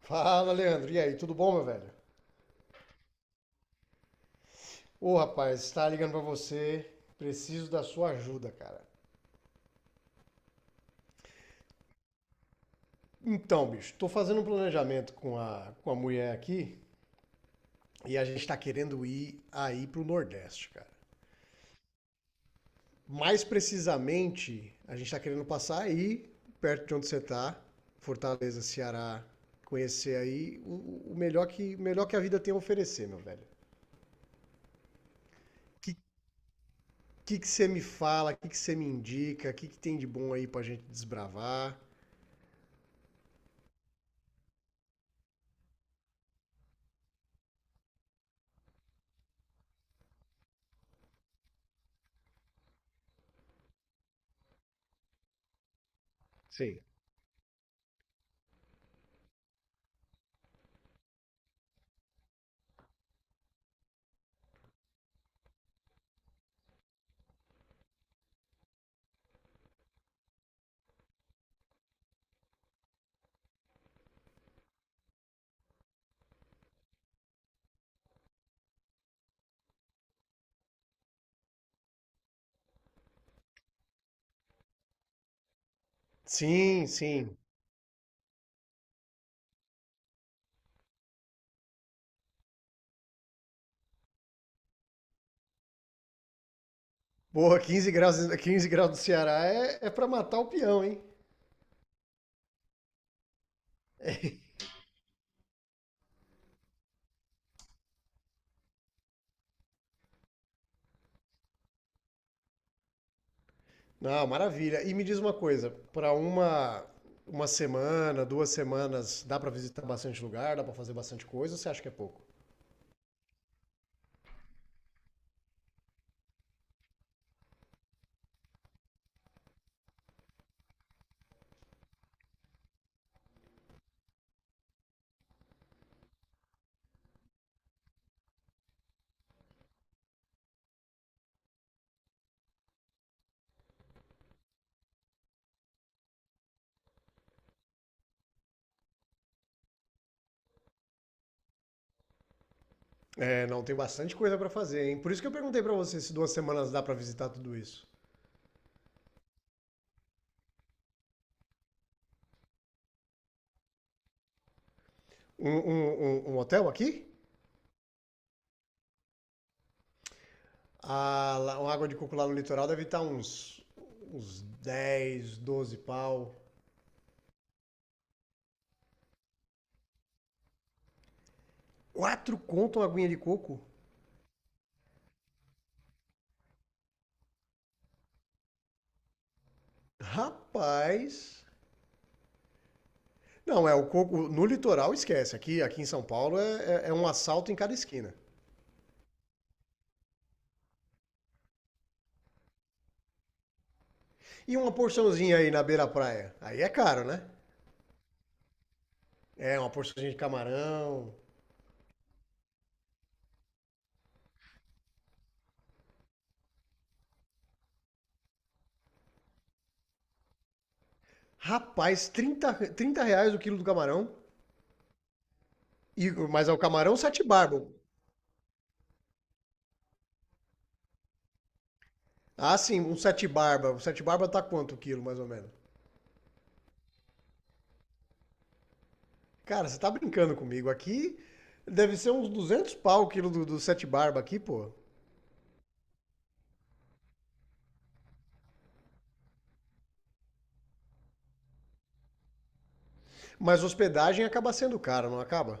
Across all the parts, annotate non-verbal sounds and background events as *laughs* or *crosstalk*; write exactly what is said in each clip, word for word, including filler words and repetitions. Fala, Leandro. E aí, tudo bom, meu velho? Ô, rapaz, tá ligando pra você. Preciso da sua ajuda, cara. Então, bicho, tô fazendo um planejamento com a, com a mulher aqui e a gente tá querendo ir aí pro Nordeste, cara. Mais precisamente, a gente tá querendo passar aí, perto de onde você tá, Fortaleza, Ceará, conhecer aí o, o melhor que, o melhor que a vida tem a oferecer, meu velho. O Que que que você me fala? O que que você me indica? O que que tem de bom aí pra gente desbravar? Sim, sim. Boa, quinze graus, *laughs* quinze graus do Ceará é, é para matar o peão, hein? Não, maravilha. E me diz uma coisa, para uma uma semana, duas semanas, dá para visitar bastante lugar, dá para fazer bastante coisa, ou você acha que é pouco? É, não, tem bastante coisa para fazer, hein? Por isso que eu perguntei para você se duas semanas dá para visitar tudo isso. Um, um, um- um hotel aqui? Ah, lá, uma água de coco lá no litoral deve estar uns, uns dez, doze pau. Quatro conto uma aguinha de coco? Rapaz. Não, é o coco. No litoral, esquece. Aqui, aqui em São Paulo é, é- é um assalto em cada esquina. E uma porçãozinha aí na beira-praia. Aí é caro, né? É, uma porçãozinha de camarão. Rapaz, trinta trinta reais o quilo do camarão. E, mas é o camarão sete barba. Ah, sim, um sete barba. O sete barba tá quanto o quilo, mais ou menos? Cara, você tá brincando comigo. Aqui deve ser uns duzentos pau o quilo do, do sete barba aqui, pô. Mas hospedagem acaba sendo caro, não acaba?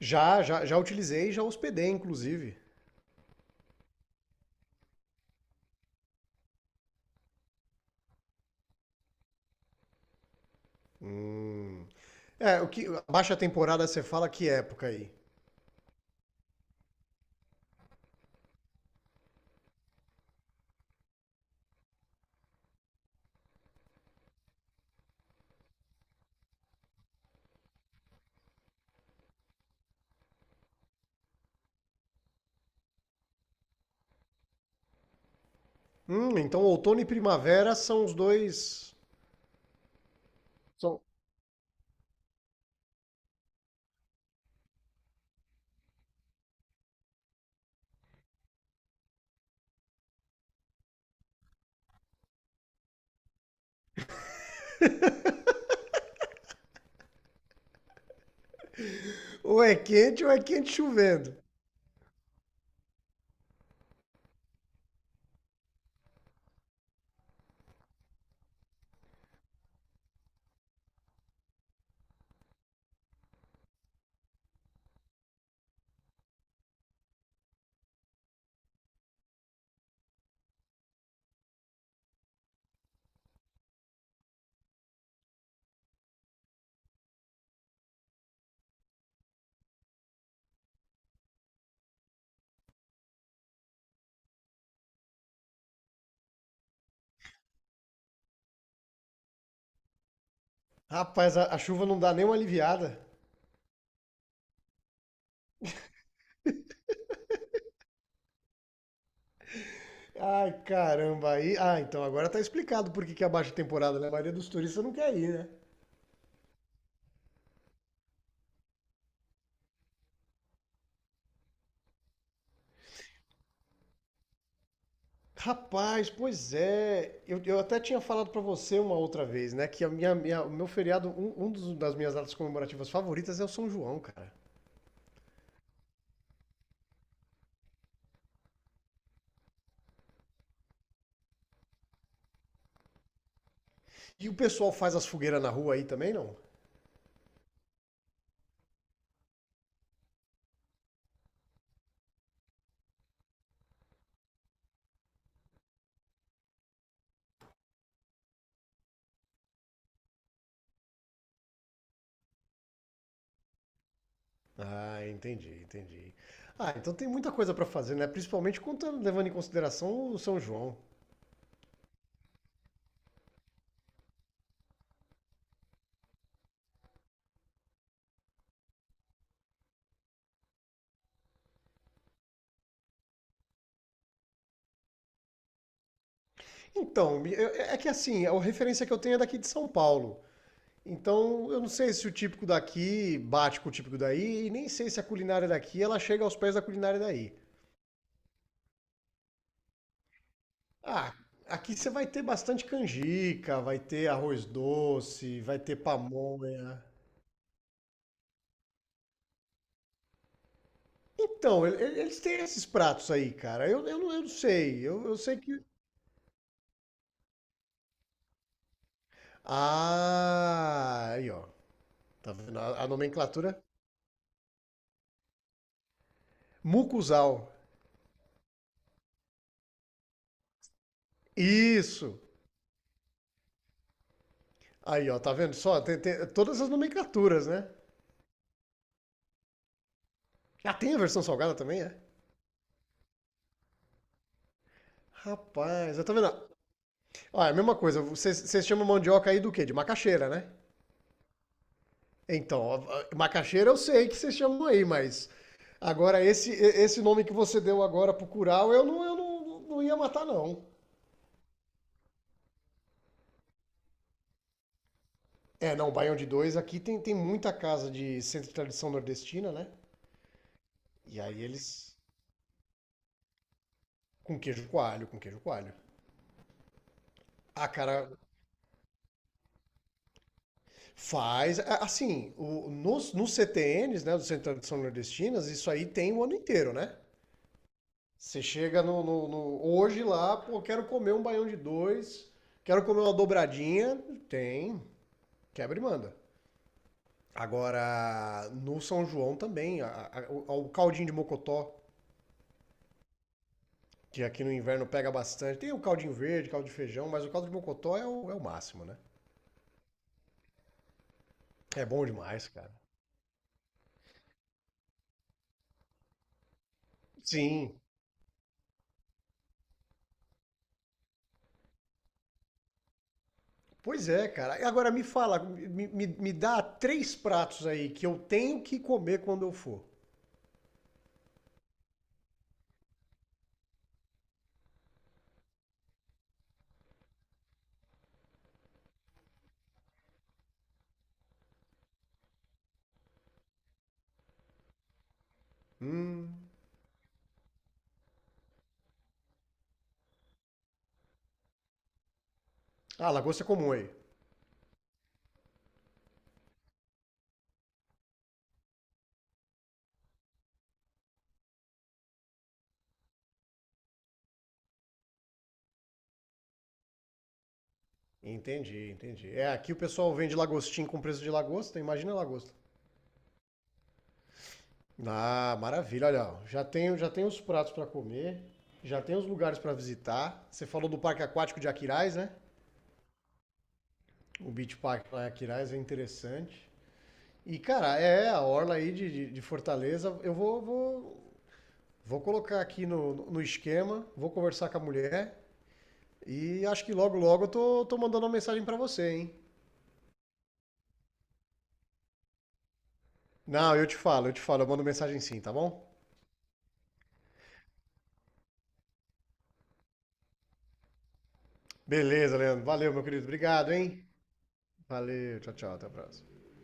Já, já, já utilizei, e já hospedei, inclusive. Hum. É, o que, a baixa temporada você fala que época aí? Hum, então outono e primavera são os dois. São, ou é quente ou é quente chovendo. Rapaz, a, a chuva não dá nem uma aliviada. Ai, caramba, aí. Ah, então agora tá explicado por que que é a baixa temporada, né? A maioria dos turistas não quer ir, né? Rapaz, pois é. Eu, eu até tinha falado pra você uma outra vez, né? Que a minha, minha- o meu feriado, um, um dos- das minhas datas comemorativas favoritas é o São João, cara. E o pessoal faz as fogueiras na rua aí também, não? Ah, entendi, entendi. Ah, então tem muita coisa pra fazer, né? Principalmente quando tá levando em consideração o São João. Então, me- eu- é é que assim, a referência que eu tenho é daqui de São Paulo. Então, eu não sei se o típico daqui bate com o típico daí, e nem sei se a culinária daqui ela chega aos pés da culinária daí. Ah, aqui você vai ter bastante canjica, vai ter arroz doce, vai ter pamonha. Então, ele- ele- eles têm esses pratos aí, cara. Eu, eu, não, eu não sei. Eu, eu sei que. Ah, aí, ó. Tá vendo? A, a nomenclatura. Mucuzal. Isso. Aí, ó. Tá vendo só? Tem, tem todas as nomenclaturas, né? Ah, tem a versão salgada também, é? Rapaz, eu tá vendo? Olha, a mesma coisa. Vocês vocês chamam mandioca aí do quê? De macaxeira, né? Então, macaxeira eu sei que vocês chamam aí, mas agora esse esse nome que você deu agora pro curau, eu não, eu não, não ia matar, não. É, não, Baião de Dois, aqui tem, tem muita casa de centro de tradição nordestina, né? E aí eles. Com queijo coalho, com queijo coalho. Ah, cara, faz. a- Assim, o- nos, nos C T Ns, né, do Centro de Tradição Nordestinas, isso aí tem o ano inteiro, né? Você chega no, no- no- hoje lá, pô, quero comer um baião de dois, quero comer uma dobradinha, tem, quebra e manda. Agora, no São João também, a- a- o, o caldinho de mocotó, que aqui no inverno pega bastante. Tem o caldinho verde, caldo de feijão, mas o caldo de mocotó é o, é o máximo, né? É bom demais, cara. Sim. Pois é, cara. E agora me fala, me, me, me dá três pratos aí que eu tenho que comer quando eu for. Hum. Ah, lagosta é comum aí. Entendi, entendi. É, aqui o pessoal vende lagostim com preço de lagosta, imagina a lagosta. Ah, maravilha, olha, ó, já tenho, já tenho os pratos para comer, já tenho os lugares para visitar. Você falou do Parque Aquático de Aquiraz, né? O Beach Park lá em Aquiraz é interessante. E, cara, é, a orla aí de, de- de Fortaleza, eu vou, vou, vou colocar aqui no, no esquema, vou conversar com a mulher e acho que logo, logo eu tô, tô mandando uma mensagem para você, hein? Não, eu te falo, eu te falo, eu mando mensagem sim, tá bom? Beleza, Leandro. Valeu, meu querido. Obrigado, hein? Valeu, tchau, tchau. Até a próxima.